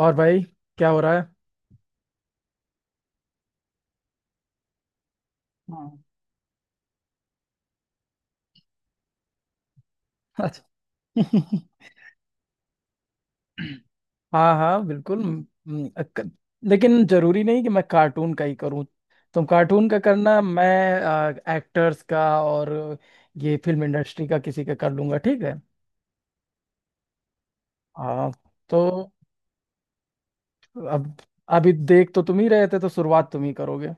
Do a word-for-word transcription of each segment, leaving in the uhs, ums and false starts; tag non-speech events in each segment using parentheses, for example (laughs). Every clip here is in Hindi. और भाई, क्या हो रहा है? हाँ। अच्छा। (laughs) हाँ हाँ बिल्कुल। हम्म, अक- लेकिन जरूरी नहीं कि मैं कार्टून का ही करूँ। तुम कार्टून का करना, मैं एक्टर्स का। और ये फिल्म इंडस्ट्री का किसी का कर लूंगा, ठीक है। हाँ। तो अब अभी देख तो तुम ही रहे थे, तो शुरुआत तुम ही करोगे।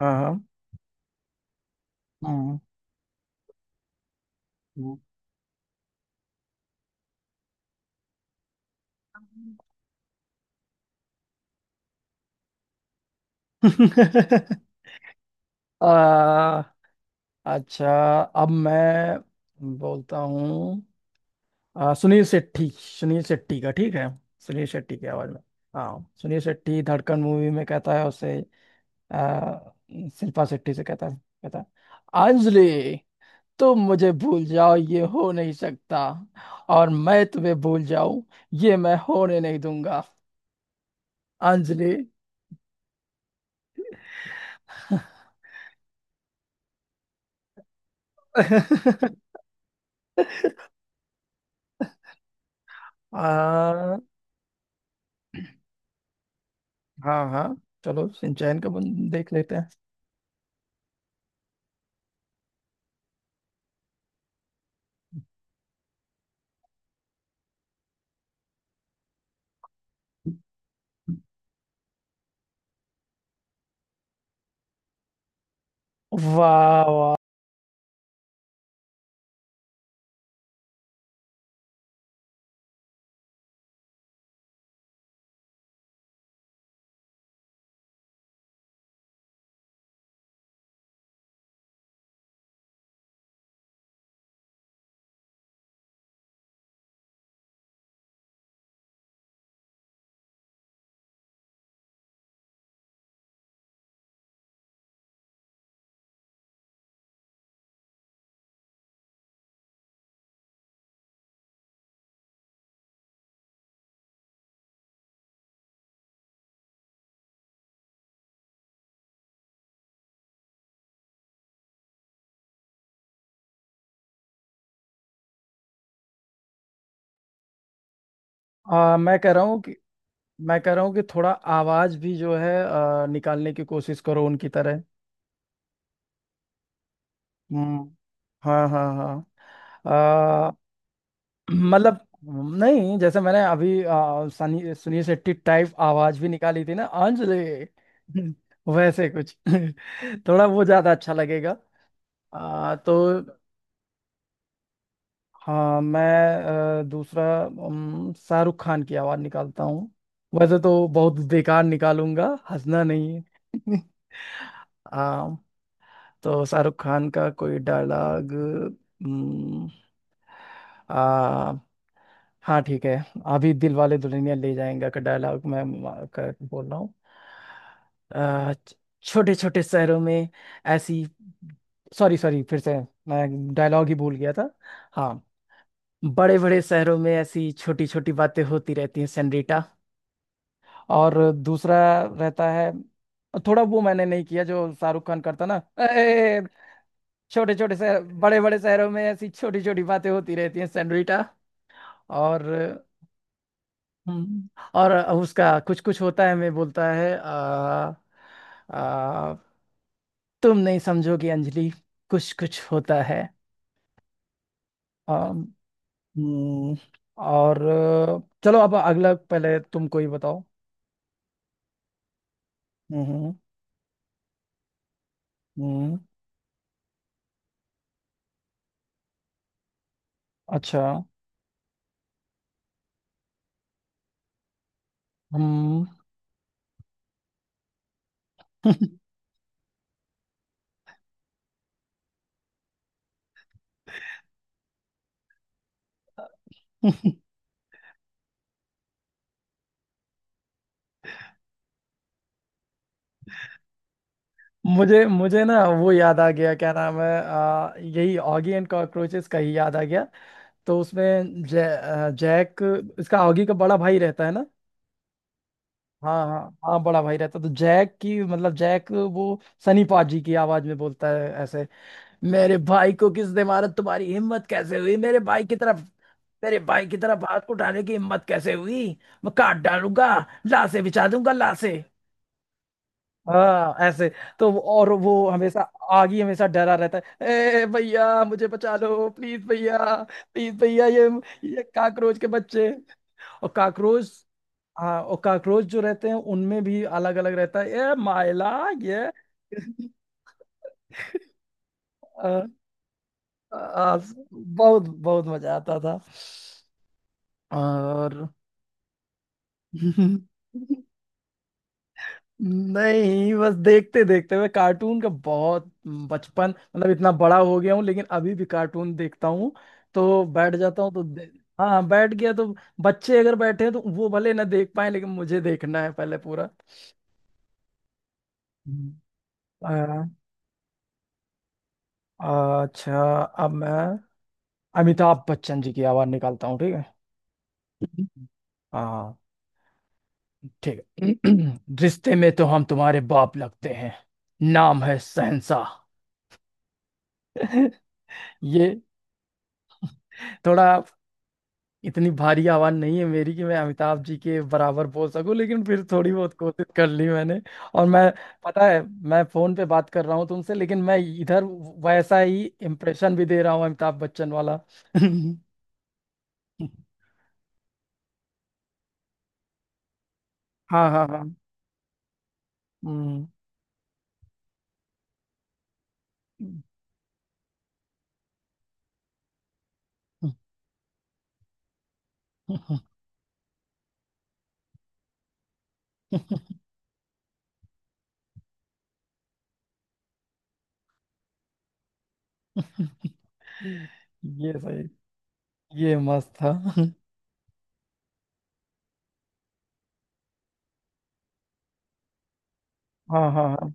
हाँ हाँ हाँ हाँ। (laughs) आ, अच्छा, अब मैं बोलता हूँ। आ, सुनील शेट्टी, सुनील शेट्टी का ठीक है। सुनील शेट्टी की आवाज में। हाँ, सुनील शेट्टी धड़कन मूवी में कहता है उसे। आ, शिल्पा शेट्टी से कहता है, कहता है, अंजलि, तुम मुझे भूल जाओ, ये हो नहीं सकता। और मैं तुम्हें भूल जाऊं, ये मैं होने नहीं दूंगा। अंजलि। (laughs) आ, हाँ हाँ, चलो सिंचैन का बन- देख लेते हैं। वाह वाह। आ, मैं कह रहा हूँ कि मैं कह रहा हूँ कि थोड़ा आवाज भी जो है अ, निकालने की कोशिश करो उनकी तरह। हम्म। हाँ हाँ हाँ। अ, (clears throat) मतलब नहीं, जैसे मैंने अभी अ, सनी सुनील शेट्टी टाइप आवाज भी निकाली थी ना अंजलि। (laughs) वैसे कुछ (laughs) थोड़ा वो ज्यादा अच्छा लगेगा। अ, तो हाँ, मैं अ, दूसरा अम, शाहरुख खान की आवाज निकालता हूँ। वैसे तो बहुत बेकार निकालूंगा। हंसना नहीं है। (laughs) आ, तो शाहरुख खान का कोई डायलॉग। हम्म, आ हाँ ठीक है। अभी दिल वाले दुल्हनिया ले जाएंगे का डायलॉग मैं मा- का बोल रहा हूँ। आ, छोटे छोटे शहरों में ऐसी। सॉरी सॉरी, फिर से। मैं डायलॉग ही भूल गया था। हाँ। बड़े बड़े शहरों में ऐसी छोटी छोटी बातें होती रहती हैं, सेनरीटा। और दूसरा रहता है, थोड़ा वो मैंने नहीं किया जो शाहरुख खान करता ना। छोटे छोटे शहर, बड़े बड़े शहरों में ऐसी छोटी छोटी बातें होती रहती हैं, सैंडविटा। और हम्म, और उसका कुछ कुछ होता है, मैं बोलता है। आ, आ, तुम नहीं समझोगी अंजलि, कुछ कुछ होता है। आ, हम्म, और चलो, अब अगला पहले तुम कोई बताओ। हम्म हम्म। अच्छा। हम्म। (laughs) मुझे मुझे ना वो याद आ गया, क्या नाम है, आ, यही ऑगी एंड कॉकरोचेस का ही याद आ गया। तो उसमें जै, अ, जैक, इसका ऑगी का बड़ा भाई रहता है ना। हाँ हाँ। हाँ, बड़ा भाई रहता है, तो जैक की, मतलब जैक वो सनी पाजी की आवाज में बोलता है ऐसे। मेरे भाई को किसने मारा, तुम्हारी हिम्मत कैसे हुई मेरे भाई की तरफ, मेरे भाई की तरफ हाथ उठाने की हिम्मत कैसे हुई। मैं काट डालूंगा, लाशें बिछा दूंगा, लाशें। हाँ ऐसे। तो वो- और वो हमेशा, आगे हमेशा डरा रहता है। ए भैया मुझे बचा लो, प्लीज भैया। प्लीज भैया ये ये काकरोच के बच्चे। और काकरोच। हाँ, और काकरोच जो रहते हैं उनमें भी अलग अलग रहता है, ये माइला, ये। (laughs) आ, आ, बहुत बहुत मजा आता था। और। (laughs) नहीं, बस देखते देखते हुए कार्टून का बहुत बचपन, मतलब इतना बड़ा हो गया हूँ लेकिन अभी भी कार्टून देखता हूँ। तो बैठ जाता हूँ तो दे- हाँ, बैठ गया तो बच्चे अगर बैठे हैं तो वो भले ना देख पाए लेकिन मुझे देखना है पहले पूरा। हम्म। अच्छा। अब मैं अमिताभ बच्चन जी की आवाज निकालता हूँ, ठीक है। हम्म। हाँ ठीक है। (clears throat) रिश्ते में तो हम तुम्हारे बाप लगते हैं, नाम है शहंशाह। (laughs) ये थोड़ा, इतनी भारी आवाज नहीं है मेरी कि मैं अमिताभ जी के बराबर बोल सकूं, लेकिन फिर थोड़ी बहुत कोशिश कर ली मैंने। और मैं, पता है, मैं फोन पे बात कर रहा हूँ तुमसे लेकिन मैं इधर वैसा ही इम्प्रेशन भी दे रहा हूँ, अमिताभ बच्चन वाला। (laughs) हाँ हाँ हाँ। हम्म। ये सही, ये मस्त था। हाँ हाँ हाँ।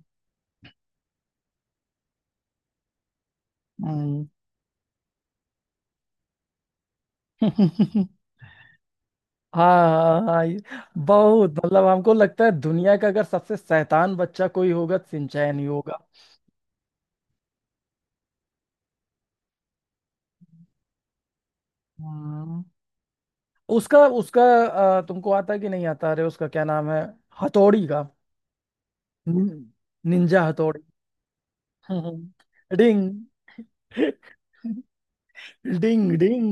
हम्म। हाँ हाँ हाँ, ये बहुत, मतलब हमको लगता है दुनिया का अगर सबसे शैतान बच्चा कोई होगा सिंचैन ही होगा। हम्म। उसका उसका अ, तुमको आता है कि नहीं आता, अरे उसका क्या नाम है, हथौड़ी का। निन- निंजा हथौड़ी। हम्म। डिंग डिंग डिंग।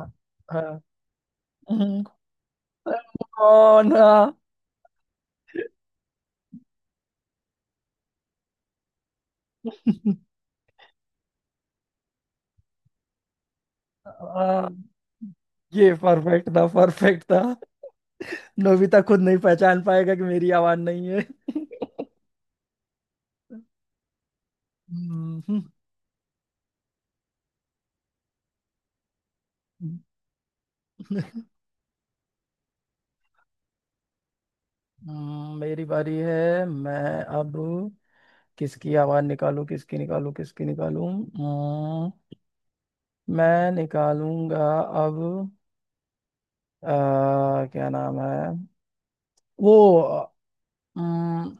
हाँ। हाँ। कौन। हाँ। ये परफेक्ट था, परफेक्ट था। नोबिता खुद नहीं पहचान पाएगा कि मेरी आवाज नहीं है। हम्म, हम्म। हम्म, मेरी बारी है। मैं अब किसकी आवाज निकालूं, किसकी निकालूं, किसकी निकालूं। हम्म। मैं निकालूंगा अब। आ, क्या नाम है, वो, हम्म,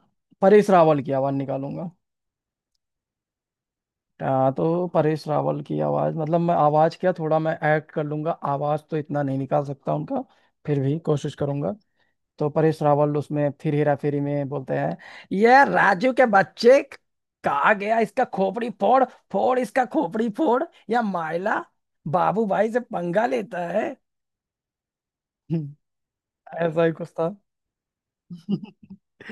परेश रावल की आवाज निकालूंगा। आ, तो परेश रावल की आवाज, मतलब मैं आवाज क्या, थोड़ा मैं एक्ट कर लूंगा, आवाज तो इतना नहीं निकाल सकता उनका। फिर भी कोशिश करूंगा। तो परेश रावल उसमें फिर हेरा फेरी में बोलते हैं, ये राजू के बच्चे, कहा गया इसका खोपड़ी फोड़, फोड़ इसका खोपड़ी फोड़, या माइला, बाबू भाई से पंगा लेता है। (laughs) हम्म। ऐसा ही कुछ था। (laughs)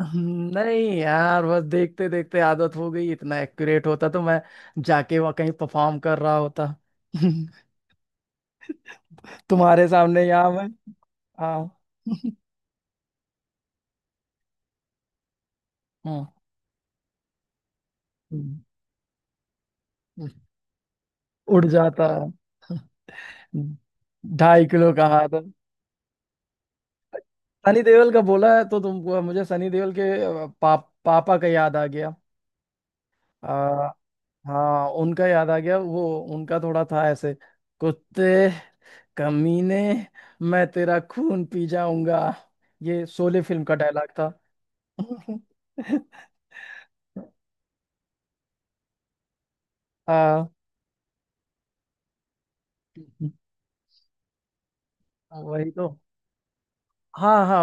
हम्म। नहीं यार, बस देखते देखते आदत हो गई, इतना एक्यूरेट होता तो मैं जाके वहाँ कहीं परफॉर्म कर रहा होता। (laughs) तुम्हारे सामने यहाँ मैं। हाँ। (laughs) हम्म, हम्म। उड़ जाता है, ढाई किलो का हाथ। सनी देओल का बोला है तो तुमको मुझे सनी देओल के अ, पा, पापा का याद आ गया। आ, हाँ, उनका याद आ गया वो। उनका थोड़ा था ऐसे। कुत्ते, कमीने, मैं तेरा खून पी जाऊंगा। ये शोले फिल्म का डायलॉग था। (laughs) आ, वही तो। हाँ हाँ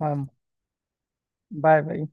हाँ। Bye bye.